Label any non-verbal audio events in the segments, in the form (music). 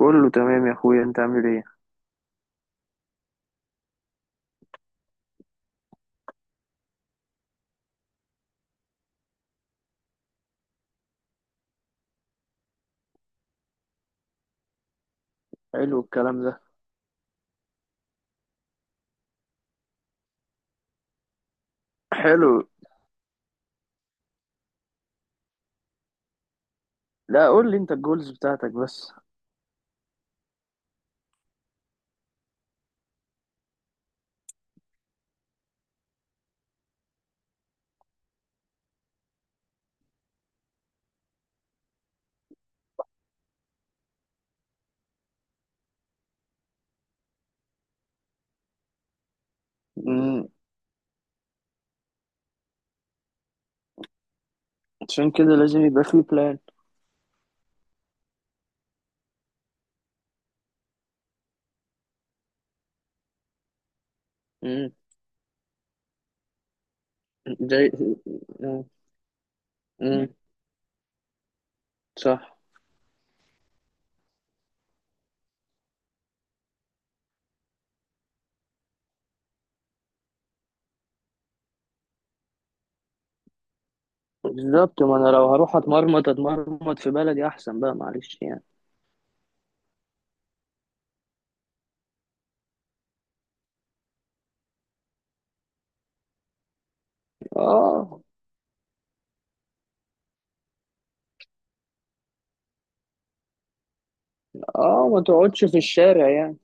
كله تمام يا اخويا، انت عامل ايه؟ حلو الكلام ده. حلو. لا، قول لي انت الجولز بتاعتك بس. امم. عشان كده لازم يبقى في بلان. امم. زي امم، امم، صح. بالظبط، ما انا لو هروح اتمرمط اتمرمط في بلدي احسن بقى، معلش يعني. اه، اه، ما تقعدش في الشارع يعني.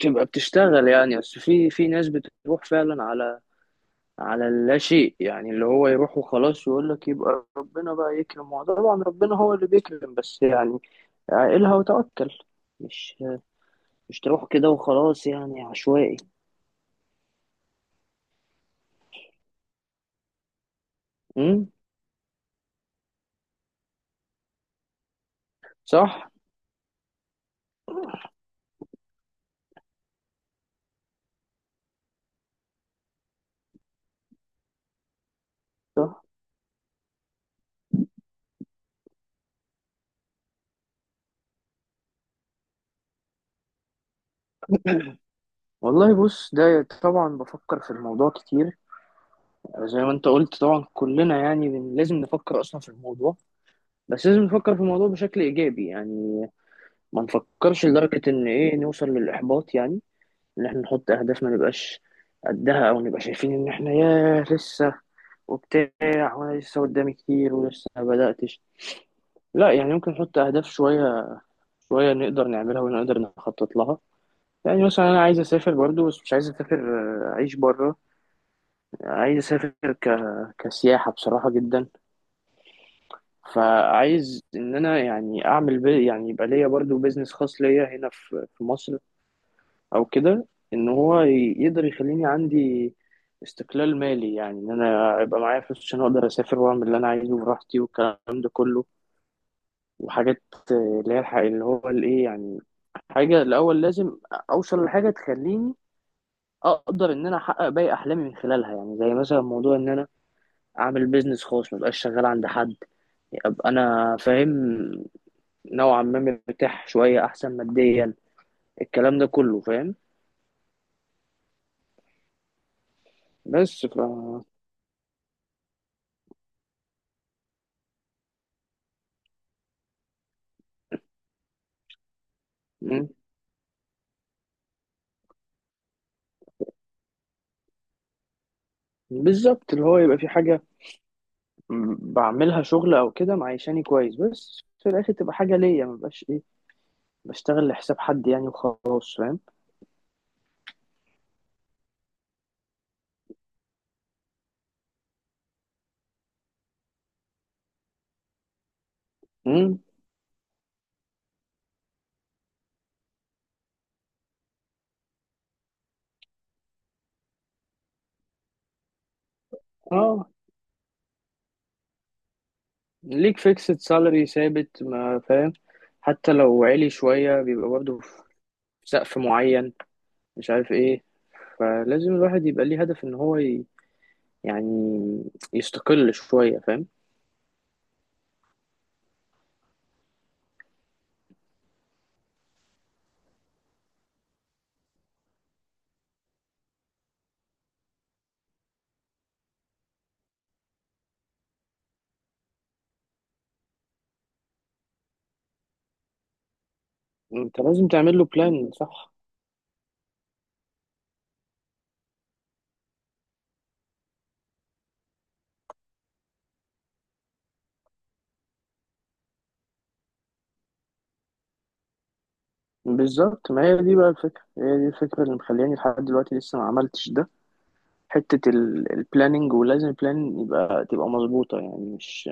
تبقى بتشتغل يعني، بس في ناس بتروح فعلا على اللاشيء، يعني اللي هو يروح وخلاص يقول لك يبقى ربنا بقى يكرم. وطبعا ربنا هو اللي بيكرم، بس يعني عقلها وتوكل. مش مش تروح كده وخلاص يعني عشوائي. امم، صح، صح. والله بص، ده طبعا بفكر في الموضوع كتير. زي ما انت قلت، طبعا كلنا يعني لازم نفكر اصلا في الموضوع. بس لازم نفكر في الموضوع بشكل ايجابي يعني، ما نفكرش لدرجة ان ايه، نوصل للاحباط يعني. ان احنا نحط اهداف ما نبقاش قدها، او نبقى شايفين ان احنا ياه لسه وبتاع، وانا لسه قدامي كتير ولسه ما بداتش. لا، يعني ممكن نحط اهداف شويه شويه نقدر نعملها ونقدر نخطط لها. يعني مثلا انا عايز اسافر برضو، بس مش عايز اسافر، اعيش بره. عايز اسافر ك... كسياحه بصراحه جدا. فعايز ان انا يعني اعمل يعني يبقى ليا برضو بيزنس خاص ليا هنا في مصر، او كده. ان هو يقدر يخليني عندي استقلال مالي، يعني ان انا يبقى معايا فلوس عشان اقدر اسافر واعمل اللي انا عايزه براحتي، والكلام ده كله. وحاجات اللي هي اللي هو الايه يعني، حاجه الاول لازم اوصل لحاجه تخليني اقدر ان انا احقق باقي احلامي من خلالها. يعني زي مثلا موضوع ان انا اعمل بيزنس خاص، ما ابقاش شغال عند حد. ابقى انا فاهم نوعا ما مرتاح شويه احسن ماديا، الكلام ده كله فاهم. بس ف بالظبط، اللي هو يبقى في حاجة بعملها شغل أو كده، معيشاني كويس، بس في الآخر تبقى حاجة ليا، مبقاش إيه بشتغل لحساب حد يعني وخلاص فاهم. امم. اه. ليك فيكسد سالري ثابت ما فاهم، حتى لو عالي شوية بيبقى برضه في سقف معين، مش عارف إيه. فلازم الواحد يبقى ليه هدف إن هو يعني يستقل شوية فاهم. أنت لازم تعمل له بلان، صح. بالظبط، ما هي دي بقى الفكرة، هي دي الفكرة اللي مخلياني لحد دلوقتي لسه ما عملتش ده، حتة البلاننج. ولازم البلان يبقى تبقى مظبوطة، يعني مش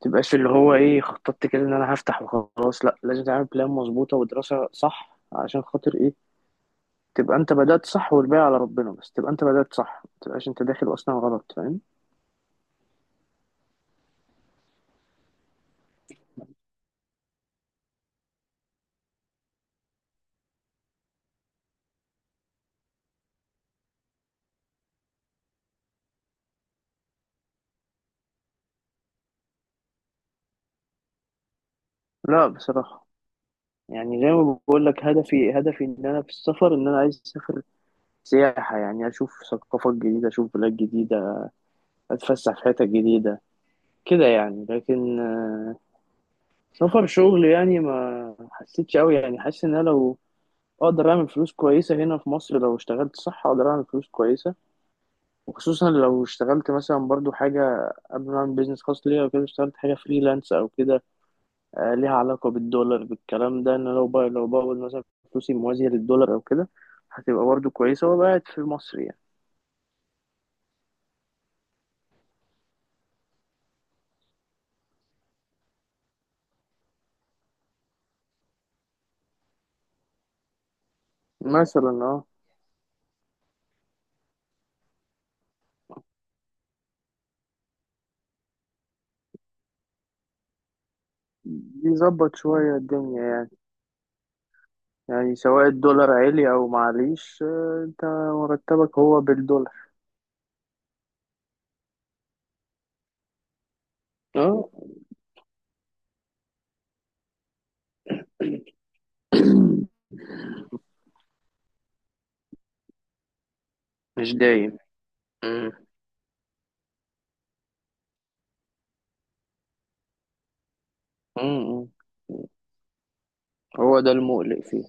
تبقاش اللي هو ايه، خططت كده ان انا هفتح وخلاص. لا، لازم تعمل بلان مظبوطة ودراسة صح عشان خاطر ايه، تبقى انت بدأت صح. والباقي على ربنا، بس تبقى انت بدأت صح، ما تبقاش انت داخل اصلا غلط فاهم. لا بصراحة، يعني زي ما بقول لك، هدفي هدفي ان انا في السفر، ان انا عايز اسافر سياحة، يعني اشوف ثقافات جديدة، اشوف بلاد جديدة، اتفسح في حتت جديدة كده يعني. لكن سفر شغل يعني ما حسيتش قوي يعني. حاسس ان انا لو اقدر اعمل فلوس كويسه هنا في مصر، لو اشتغلت صح اقدر اعمل فلوس كويسه. وخصوصا لو اشتغلت مثلا برضو حاجه قبل ما اعمل بيزنس خاص ليا وكده، اشتغلت حاجه فريلانس او كده، ليها علاقه بالدولار بالكلام ده. ان أنا لو بقى لو بقبض مثلا فلوسي موازيه للدولار او كده، هتبقى برضو كويسه وأبقى قاعد في مصر يعني. مثلا اه بيظبط شويه الدنيا يعني. يعني سواء الدولار عالي او معليش، انت مرتبك هو بالدولار. اه. (coughs) مش دايم. مم. مم. هو ده المقلق فيه.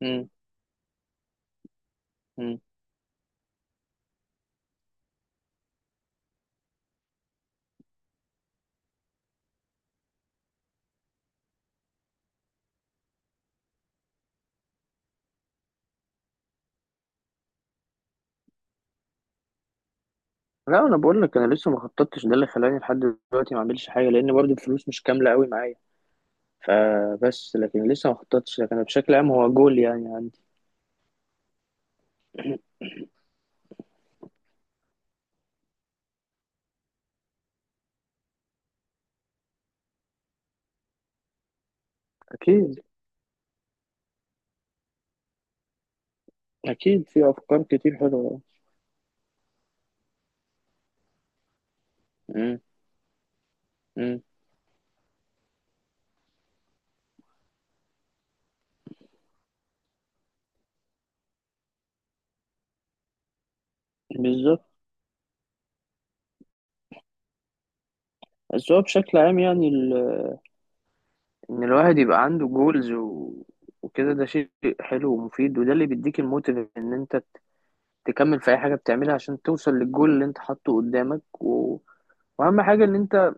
مم. مم. لا انا بقول لك، انا لسه ما خططتش، ده اللي خلاني لحد دلوقتي ما اعملش حاجه، لان برضو الفلوس مش كامله قوي معايا. فبس لكن لسه ما خططتش، لكن أنا بشكل عام هو جول يعني عندي. اكيد اكيد، في افكار كتير حلوه. مم. مم. بالظبط. بس هو بشكل عام يعني ان الواحد يبقى عنده جولز وكده، ده شيء حلو ومفيد، وده اللي بيديك الموتيف ان انت تكمل في اي حاجه بتعملها عشان توصل للجول اللي انت حاطه قدامك واهم حاجه ان انت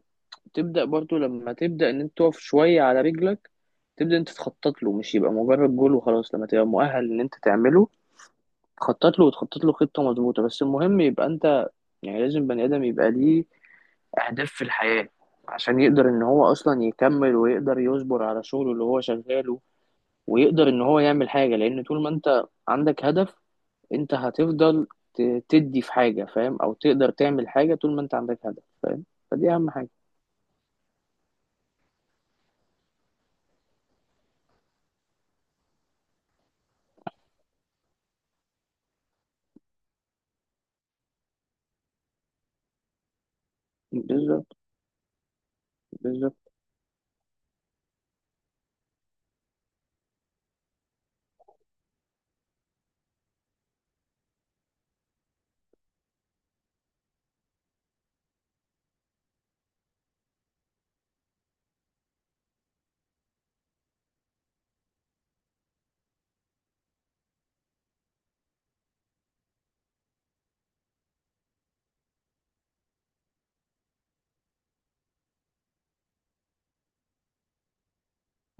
تبدا برضو. لما تبدا ان انت تقف شويه على رجلك، تبدا انت تخطط له، مش يبقى مجرد جول وخلاص. لما تبقى مؤهل ان انت تعمله، تخطط له وتخطط له خطه مظبوطه. بس المهم يبقى انت يعني، لازم بني ادم يبقى ليه اهداف في الحياه عشان يقدر ان هو اصلا يكمل ويقدر يصبر على شغله اللي هو شغاله، ويقدر ان هو يعمل حاجه. لان طول ما انت عندك هدف، انت هتفضل تدي في حاجة فاهم، او تقدر تعمل حاجة طول ما انت عندك هدف فاهم. فدي اهم حاجة. بالظبط بالظبط.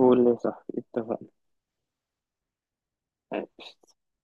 هو اللي صح، اتفقنا.